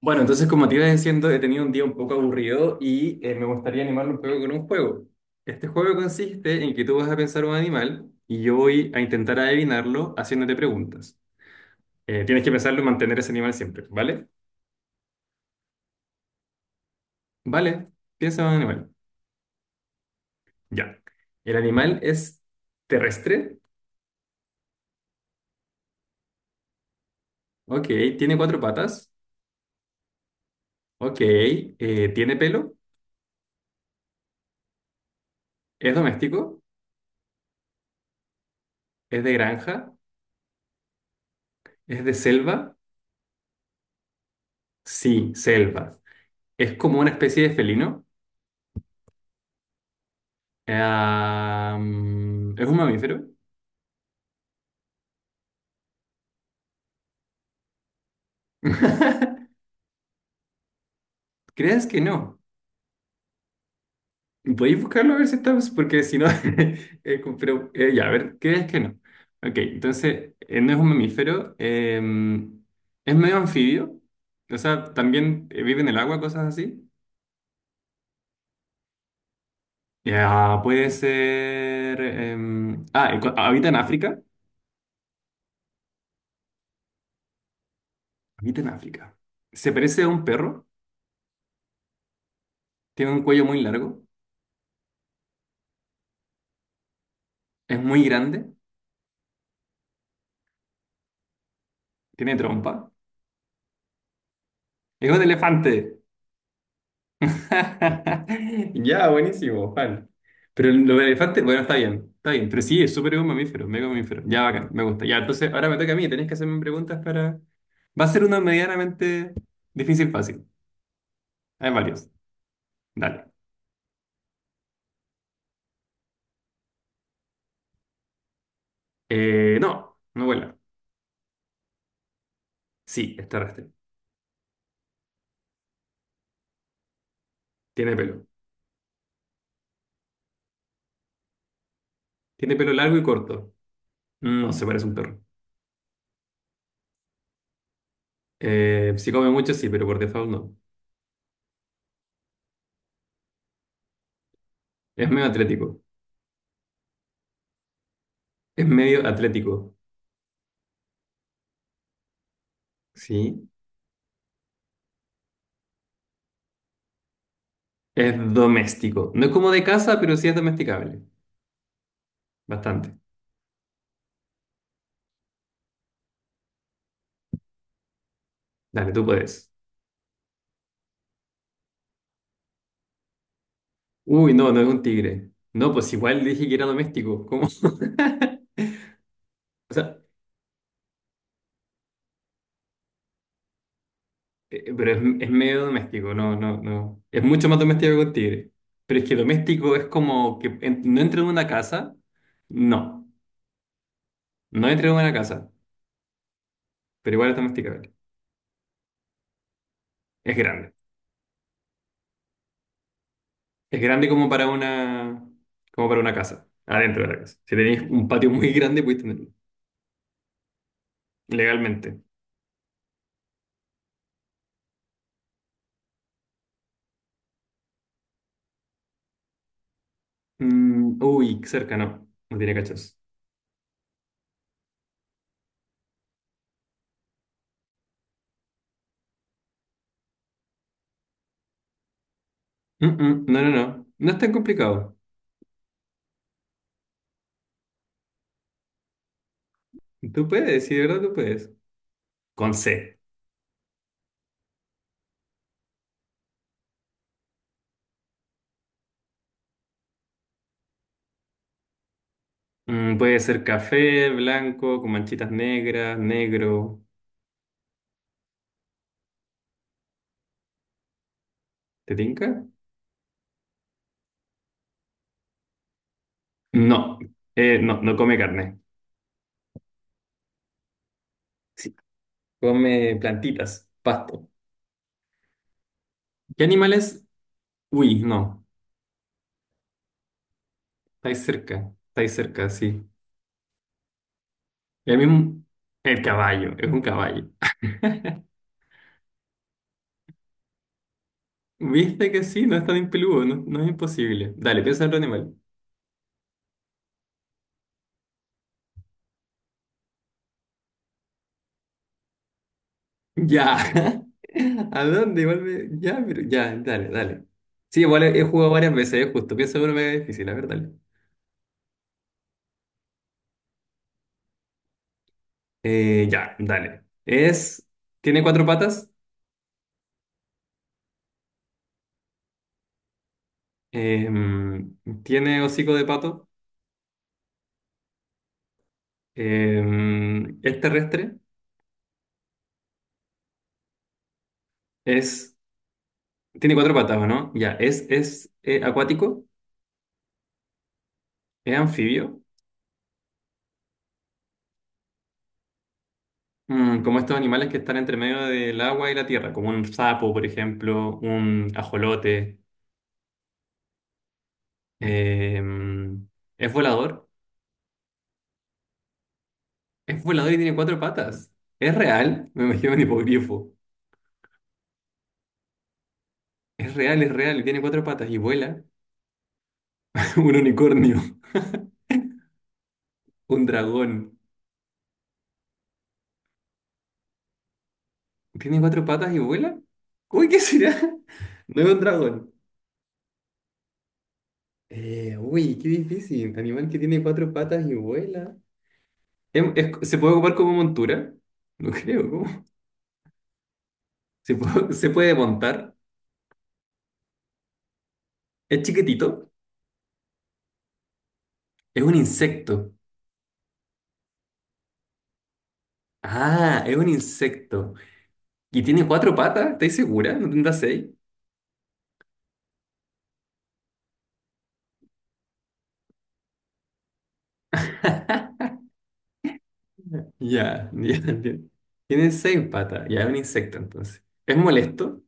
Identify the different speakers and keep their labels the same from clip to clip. Speaker 1: Bueno, entonces como te iba diciendo, he tenido un día un poco aburrido y me gustaría animarlo un poco con un juego. Este juego consiste en que tú vas a pensar un animal y yo voy a intentar adivinarlo haciéndote preguntas. Tienes que pensarlo y mantener ese animal siempre, ¿vale? Vale, piensa en un animal. Ya. ¿El animal es terrestre? Ok. ¿Tiene cuatro patas? Ok. ¿Tiene pelo? ¿Es doméstico? ¿Es de granja? ¿Es de selva? Sí, selva. ¿Es como una especie de felino? Ah, ¿es un mamífero? ¿Crees que no? ¿Podéis buscarlo a ver si estamos? Porque si no, ya, a ver, ¿crees que no? Ok, entonces, no es un mamífero, es medio anfibio, o sea, también vive en el agua, cosas así. Ya, puede ser... habita en África, habita en África. Se parece a un perro, tiene un cuello muy largo, es muy grande, tiene trompa, es un elefante. Ya, buenísimo, Juan. Pero lo del elefante, bueno, está bien, está bien. Pero sí, es súper un mamífero, mega mamífero. Ya, bacán, me gusta. Ya, entonces ahora me toca a mí, tenés que hacerme preguntas para. Va a ser una medianamente difícil, fácil. Hay varios. Dale. No, no vuela. Sí, es terrestre. Tiene pelo. Tiene pelo largo y corto. No se parece a un perro. Si come mucho, sí, pero por default no. Es medio atlético. Es medio atlético. Sí. Es doméstico. No es como de casa, pero sí es domesticable. Bastante. Dale, tú puedes. Uy, no, no es un tigre. No, pues igual dije que era doméstico. ¿Cómo? O sea, pero es medio doméstico, no, no, no. Es mucho más doméstico que un tigre. Pero es que doméstico es como que no entra en una casa. No, no entra en una casa, pero igual es domesticable. Es grande. Es grande como para una casa, adentro de la casa. Si tenéis un patio muy grande, podéis tenerlo legalmente. Uy, cerca no, no tiene cachos. No, no, no. No es tan complicado. Tú puedes, sí, de verdad tú puedes. Con C. Puede ser café, blanco, con manchitas negras, negro. ¿Te tinca? No. No, no come carne. Sí. Come plantitas, pasto. ¿Qué animales? Uy, no. Estáis cerca. Estáis cerca, sí. El mismo. El caballo. Es un caballo. ¿Viste que sí? No es tan impeludo. No, no es imposible. Dale, piensa en otro animal. Ya. ¿A dónde? Igual me... Ya, pero... Ya, dale, dale. Sí, igual he jugado varias veces, es justo. Pienso que uno me es difícil, a ver, dale. Ya, dale. Es... Tiene cuatro patas. em, tiene hocico de pato. Es terrestre. Es... Tiene cuatro patas, ¿o no? Ya, es acuático. Es anfibio. Como estos animales que están entre medio del agua y la tierra, como un sapo, por ejemplo, un ajolote. em, es volador. Es volador y tiene cuatro patas. ¿Es real? Me imagino un hipogrifo. Es real y tiene cuatro patas y vuela. Un unicornio. Un dragón. ¿Tiene cuatro patas y vuela? Uy, ¿qué será? No es un dragón. Uy, qué difícil. Animal que tiene cuatro patas y vuela. ¿Se puede ocupar como montura? No creo, ¿cómo? ¿Se puede, se puede montar? ¿Es chiquitito? Es un insecto. Ah, es un insecto. ¿Y tiene cuatro patas? ¿Estáis segura? ¿No tendrá seis? Ya, ya entiendo. Tiene seis patas. Ya es un insecto entonces. ¿Es molesto?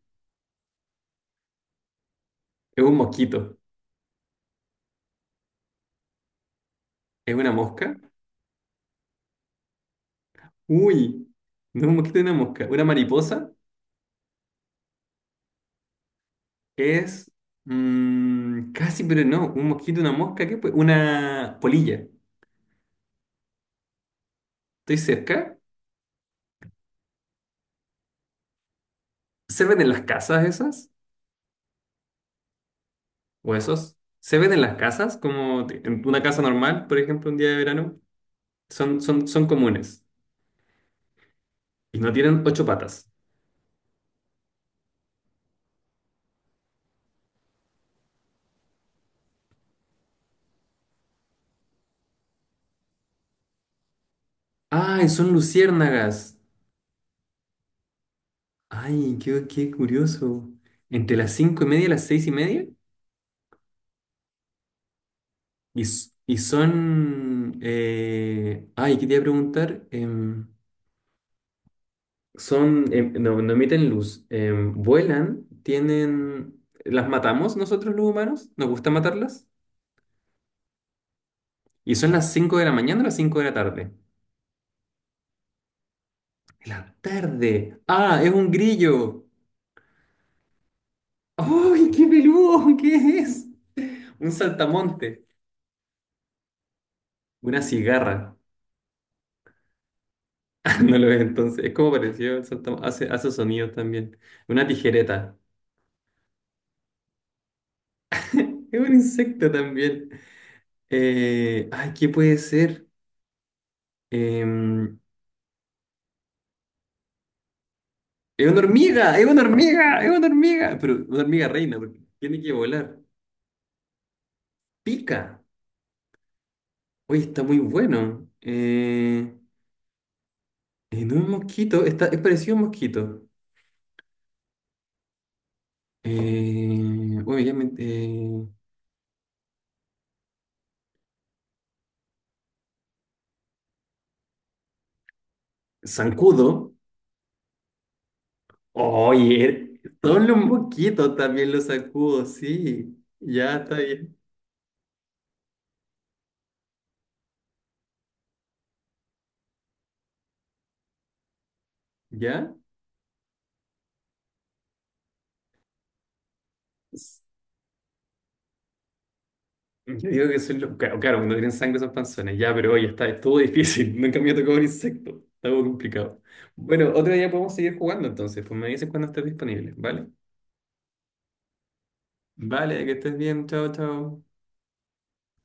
Speaker 1: ¿Es un mosquito? ¿Es una mosca? Uy, no es un mosquito, es una mosca. ¿Una mariposa? Es casi, pero no. Un mosquito, una mosca, ¿qué puede? Una polilla. ¿Estoy cerca? ¿Se ven en las casas esas? ¿O esos? ¿Se ven en las casas? Como en una casa normal, por ejemplo, un día de verano. Son comunes. Y no tienen ocho patas. ¡Ay, son luciérnagas! Ay, qué curioso. Entre las 5:30 y las 6:30. Y son. Ay, quería preguntar. Son. No, no emiten luz. Vuelan. Tienen. ¿Las matamos nosotros los humanos? ¿Nos gusta matarlas? Y son las 5 de la mañana o las 5 de la tarde. De la tarde. ¡Ah! ¡Es un grillo! ¡Ay, qué peludo! ¿Qué es? Un saltamonte. Una cigarra. No lo ves entonces. Es como pareció el Hace sonidos también. Una tijereta. Es un insecto también. Ay, ¿qué puede ser? Em, es una hormiga, es una hormiga, es una hormiga. Pero una hormiga reina, porque tiene que volar. Pica. Oye, está muy bueno. No es mosquito, es parecido a un mosquito. Eh, bueno, ya quedé men- zancudo. Oye, solo un poquito también lo sacudo, sí. Ya está bien. ¿Ya? S- Yo digo que son los... Claro, claro, cuando tienen sangre son panzones, ya, pero oye, estuvo difícil. Nunca me ha tocado un insecto. Está muy complicado. Bueno, otro día podemos seguir jugando entonces. Pues me dices cuando estés disponible, ¿vale? Vale, que estés bien. Chao, chao.